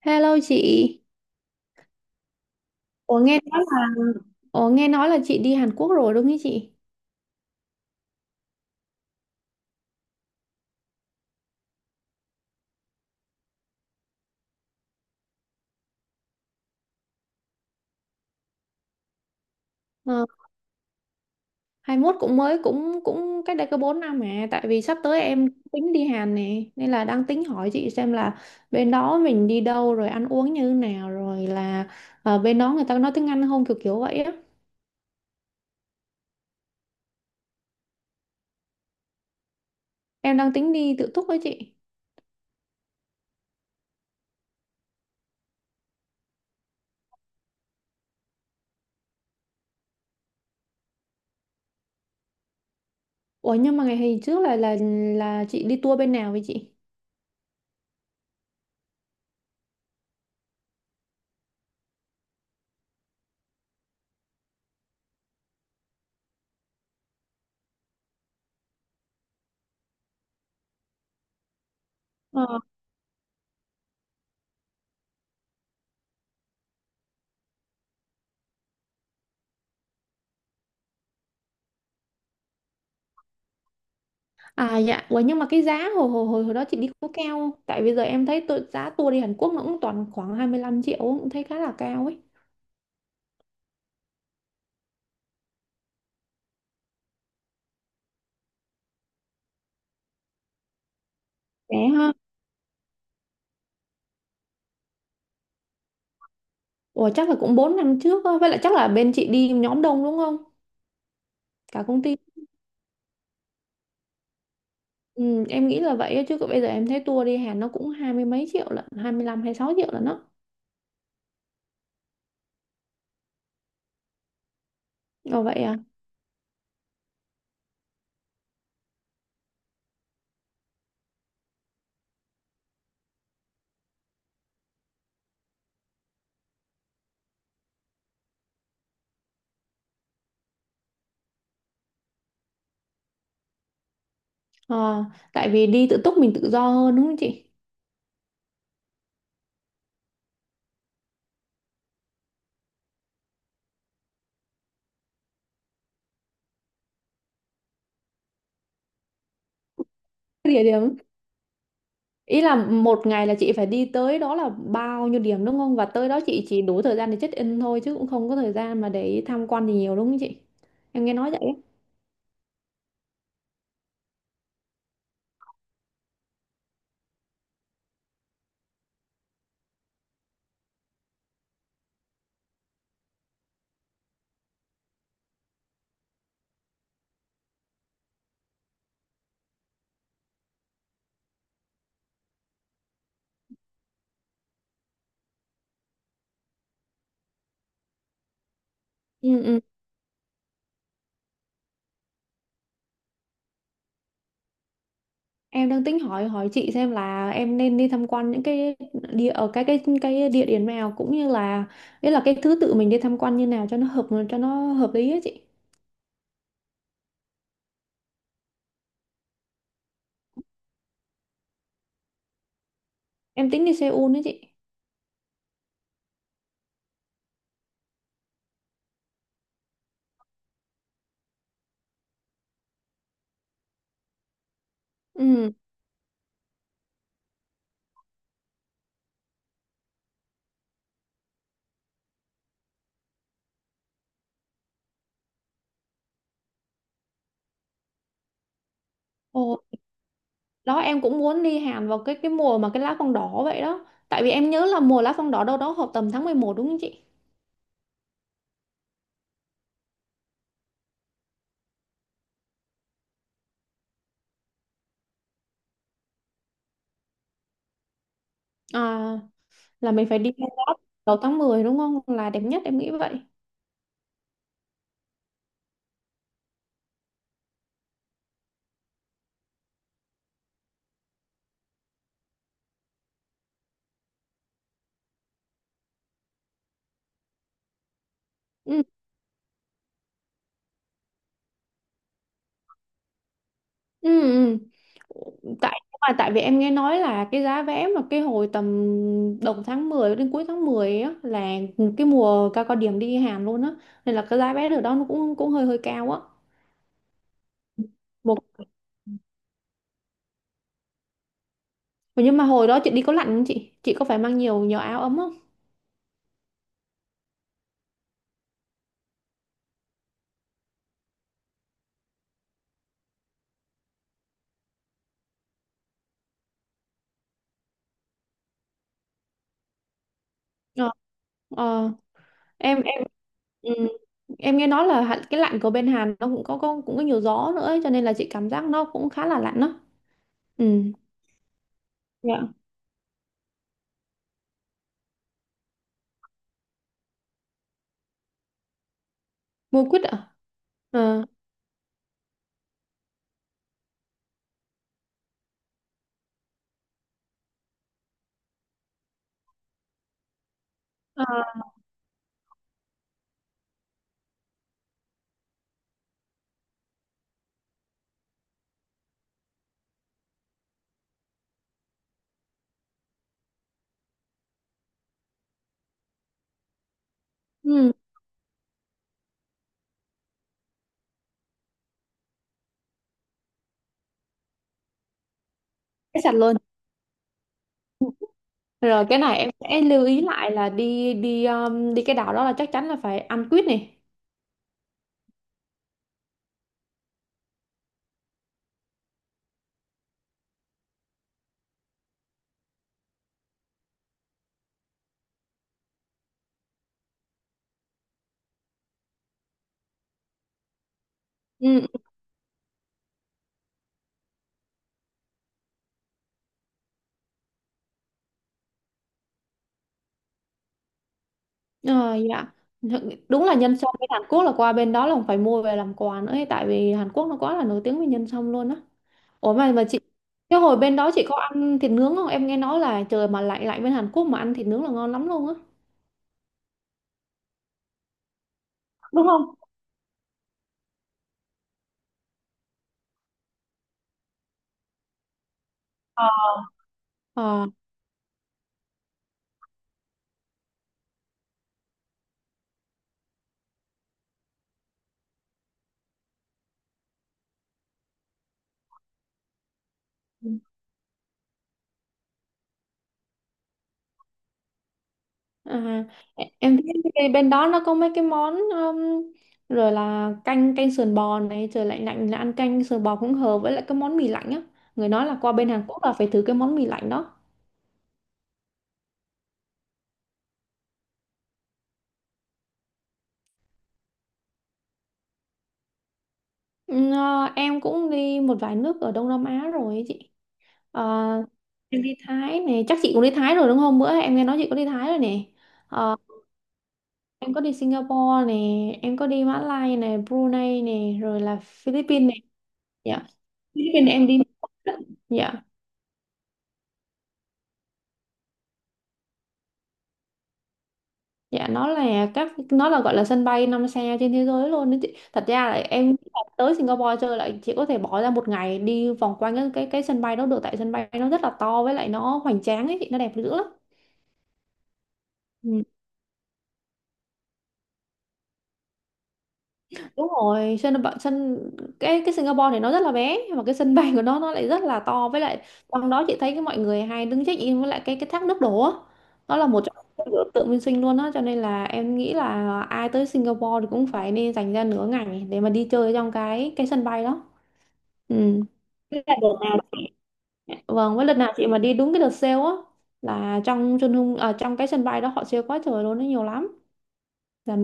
Hello chị. Ủa nghe ủa nghe nói là chị đi Hàn Quốc rồi đúng không chị? Ờ, hai mốt cũng mới cũng cũng cách đây có 4 năm, mà tại vì sắp tới em tính đi Hàn nè, nên là đang tính hỏi chị xem là bên đó mình đi đâu, rồi ăn uống như thế nào, rồi là ờ, bên đó người ta có nói tiếng Anh không, kiểu kiểu vậy á. Em đang tính đi tự túc với chị. Ủa, nhưng mà ngày hôm trước là chị đi tour bên nào với chị? À dạ. Ủa, nhưng mà cái giá hồi hồi hồi hồi đó chị đi có cao không? Tại bây giờ em thấy tôi, giá tour đi Hàn Quốc nó cũng toàn khoảng 25 triệu, cũng thấy khá là cao ấy. Rẻ ha. Ủa chắc là cũng 4 năm trước á, với lại chắc là bên chị đi nhóm đông đúng không? Cả công ty. Ừ, em nghĩ là vậy á, chứ còn bây giờ em thấy tour đi Hàn nó cũng hai mươi mấy triệu lận, 25 sáu triệu lận đó. Ồ vậy à? Ờ, tại vì đi tự túc mình tự do hơn đúng không chị? Cái địa điểm. Ý là một ngày là chị phải đi tới đó là bao nhiêu điểm đúng không? Và tới đó chị chỉ đủ thời gian để check in thôi, chứ cũng không có thời gian mà để tham quan gì nhiều đúng không chị? Em nghe nói vậy á. Ừ, ừ. Em đang tính hỏi hỏi chị xem là em nên đi tham quan những cái địa ở cái địa điểm nào, cũng như là ý là cái thứ tự mình đi tham quan như nào cho nó hợp lý á chị. Em tính đi Seoul đó chị. Ừ. Ồ, đó em cũng muốn đi Hàn vào cái mùa mà cái lá phong đỏ vậy đó. Tại vì em nhớ là mùa lá phong đỏ đâu đó hợp tầm tháng 11 đúng không chị? À, là mình phải đi lên đó đầu tháng 10 đúng không? Là đẹp nhất em nghĩ vậy. Ừ. Ừ. Ừ. Tại mà tại vì em nghe nói là cái giá vé mà cái hồi tầm đầu tháng 10 đến cuối tháng 10 á là cái mùa cao cao điểm đi Hàn luôn á, nên là cái giá vé ở đó nó cũng cũng hơi hơi cao á. Một nhưng mà hồi đó chị đi có lạnh không chị? Chị có phải mang nhiều nhiều áo ấm không? Ờ. Ờ. Em ừ, em nghe nói là hạn- cái lạnh của bên Hàn nó cũng có cũng có nhiều gió nữa ấy, cho nên là chị cảm giác nó cũng khá là lạnh đó. Ừ, dạ. Mua quýt ạ. Ờ. Ờ, ừ. Cái sạch luôn. Rồi cái này em sẽ lưu ý lại là đi đi đi cái đảo đó là chắc chắn là phải ăn quýt này. Ừ. Ờ, dạ. Thực- đúng là nhân sâm bên Hàn Quốc, là qua bên đó là phải mua về làm quà nữa ấy, tại vì Hàn Quốc nó quá là nổi tiếng về nhân sâm luôn á. Ủa mà mà chị, cái hồi bên đó chị có ăn thịt nướng không? Em nghe nói là trời mà lạnh lạnh bên Hàn Quốc mà ăn thịt nướng là ngon lắm luôn á. Đúng không. Ờ. À, e- em thấy cái bên đó nó có mấy cái món rồi là canh canh sườn bò này, trời lạnh lạnh là ăn canh sườn bò cũng hợp, với lại cái món mì lạnh á. Người nói là qua bên Hàn Quốc là phải thử cái món mì lạnh đó. Ừ, ờ, em cũng đi một vài nước ở Đông Nam Á rồi ấy chị. Ờ, em đi Thái này, chắc chị cũng đi Thái rồi đúng không? Bữa em nghe nói chị có đi Thái rồi nè. Ờ, em có đi Singapore nè, em có đi Mã Lai nè, Brunei nè, rồi là Philippines nè. Dạ. Philippines em đi. Dạ. Dạ nó là các nó là gọi là sân bay 5 sao trên thế giới luôn đấy chị. Thật ra là em tới Singapore chơi lại chị có thể bỏ ra một ngày đi vòng quanh cái sân bay đó được, tại sân bay nó rất là to với lại nó hoành tráng ấy chị, nó đẹp dữ lắm. Ừ. Đúng rồi, sân bạ- sân cái Singapore thì nó rất là bé, nhưng mà cái sân bay của nó lại rất là to, với lại trong đó chị thấy cái mọi người hay đứng check in với lại cái thác nước đổ á, nó là một trong những biểu tượng minh sinh luôn á, cho nên là em nghĩ là ai tới Singapore thì cũng phải nên dành ra nửa ngày để mà đi chơi trong cái sân bay đó. Ừ. Thế là đợt nào chị- vâng với lần nào chị mà đi đúng cái đợt sale á, là trong chân hung à, trong cái sân bay đó họ sale quá trời luôn, nó nhiều lắm. Dạ.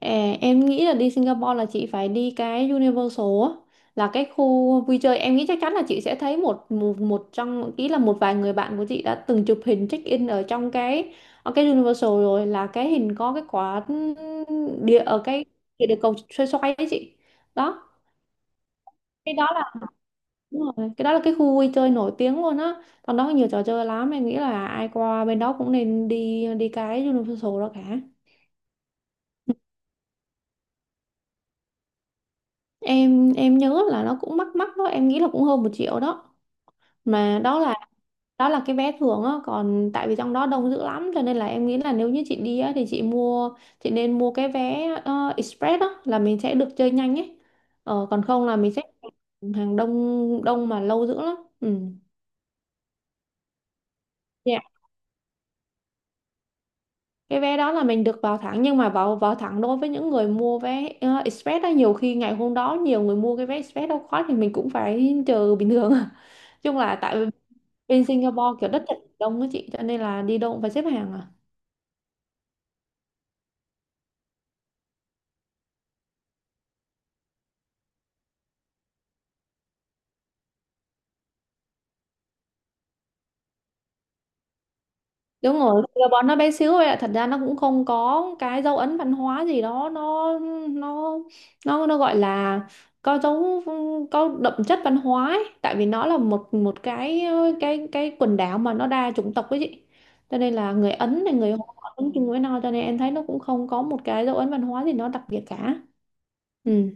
À, em nghĩ là đi Singapore là chị phải đi cái Universal á, là cái khu vui chơi em nghĩ chắc chắn là chị sẽ thấy một một, một trong ý là một vài người bạn của chị đã từng chụp hình check in ở trong cái ở cái Universal, rồi là cái hình có cái quả địa ở cái địa địa cầu xoay xoay ấy chị. Đó, cái đó là đúng rồi, cái đó là cái khu vui chơi nổi tiếng luôn á, còn đó có nhiều trò chơi lắm, em nghĩ là ai qua bên đó cũng nên đi đi cái Universal đó cả. Em nhớ là nó cũng mắc mắc đó, em nghĩ là cũng hơn 1 triệu đó. Mà đó là cái vé thường á, còn tại vì trong đó đông dữ lắm cho nên là em nghĩ là nếu như chị đi á thì chị nên mua cái vé express, đó là mình sẽ được chơi nhanh ấy. Ờ, còn không là mình sẽ hàng đông đông mà lâu dữ lắm. Ừ. Dạ. Cái vé đó là mình được vào thẳng, nhưng mà vào vào thẳng đối với những người mua vé express đó, nhiều khi ngày hôm đó nhiều người mua cái vé express đâu khóa thì mình cũng phải chờ bình thường. Chung là tại bên Singapore kiểu đất thật đông á chị, cho nên là đi đâu cũng phải xếp hàng à. Đúng rồi, Singapore nó bé xíu vậy ạ. Thật ra nó cũng không có cái dấu ấn văn hóa gì đó, nó nó nó gọi là có dấu có đậm chất văn hóa ấy, tại vì nó là một một cái cái quần đảo mà nó đa chủng tộc ấy chị, cho nên là người Ấn này người Hoa cũng chung với nhau, cho nên em thấy nó cũng không có một cái dấu ấn văn hóa gì nó đặc biệt cả. Ừ.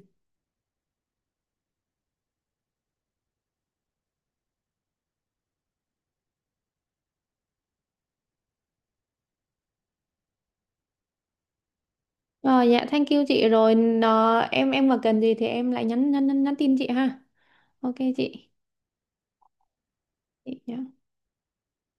Ờ, dạ thank you chị rồi nó, em mà cần gì thì em lại nhắn tin chị ha. Ok chị. Chị, dạ.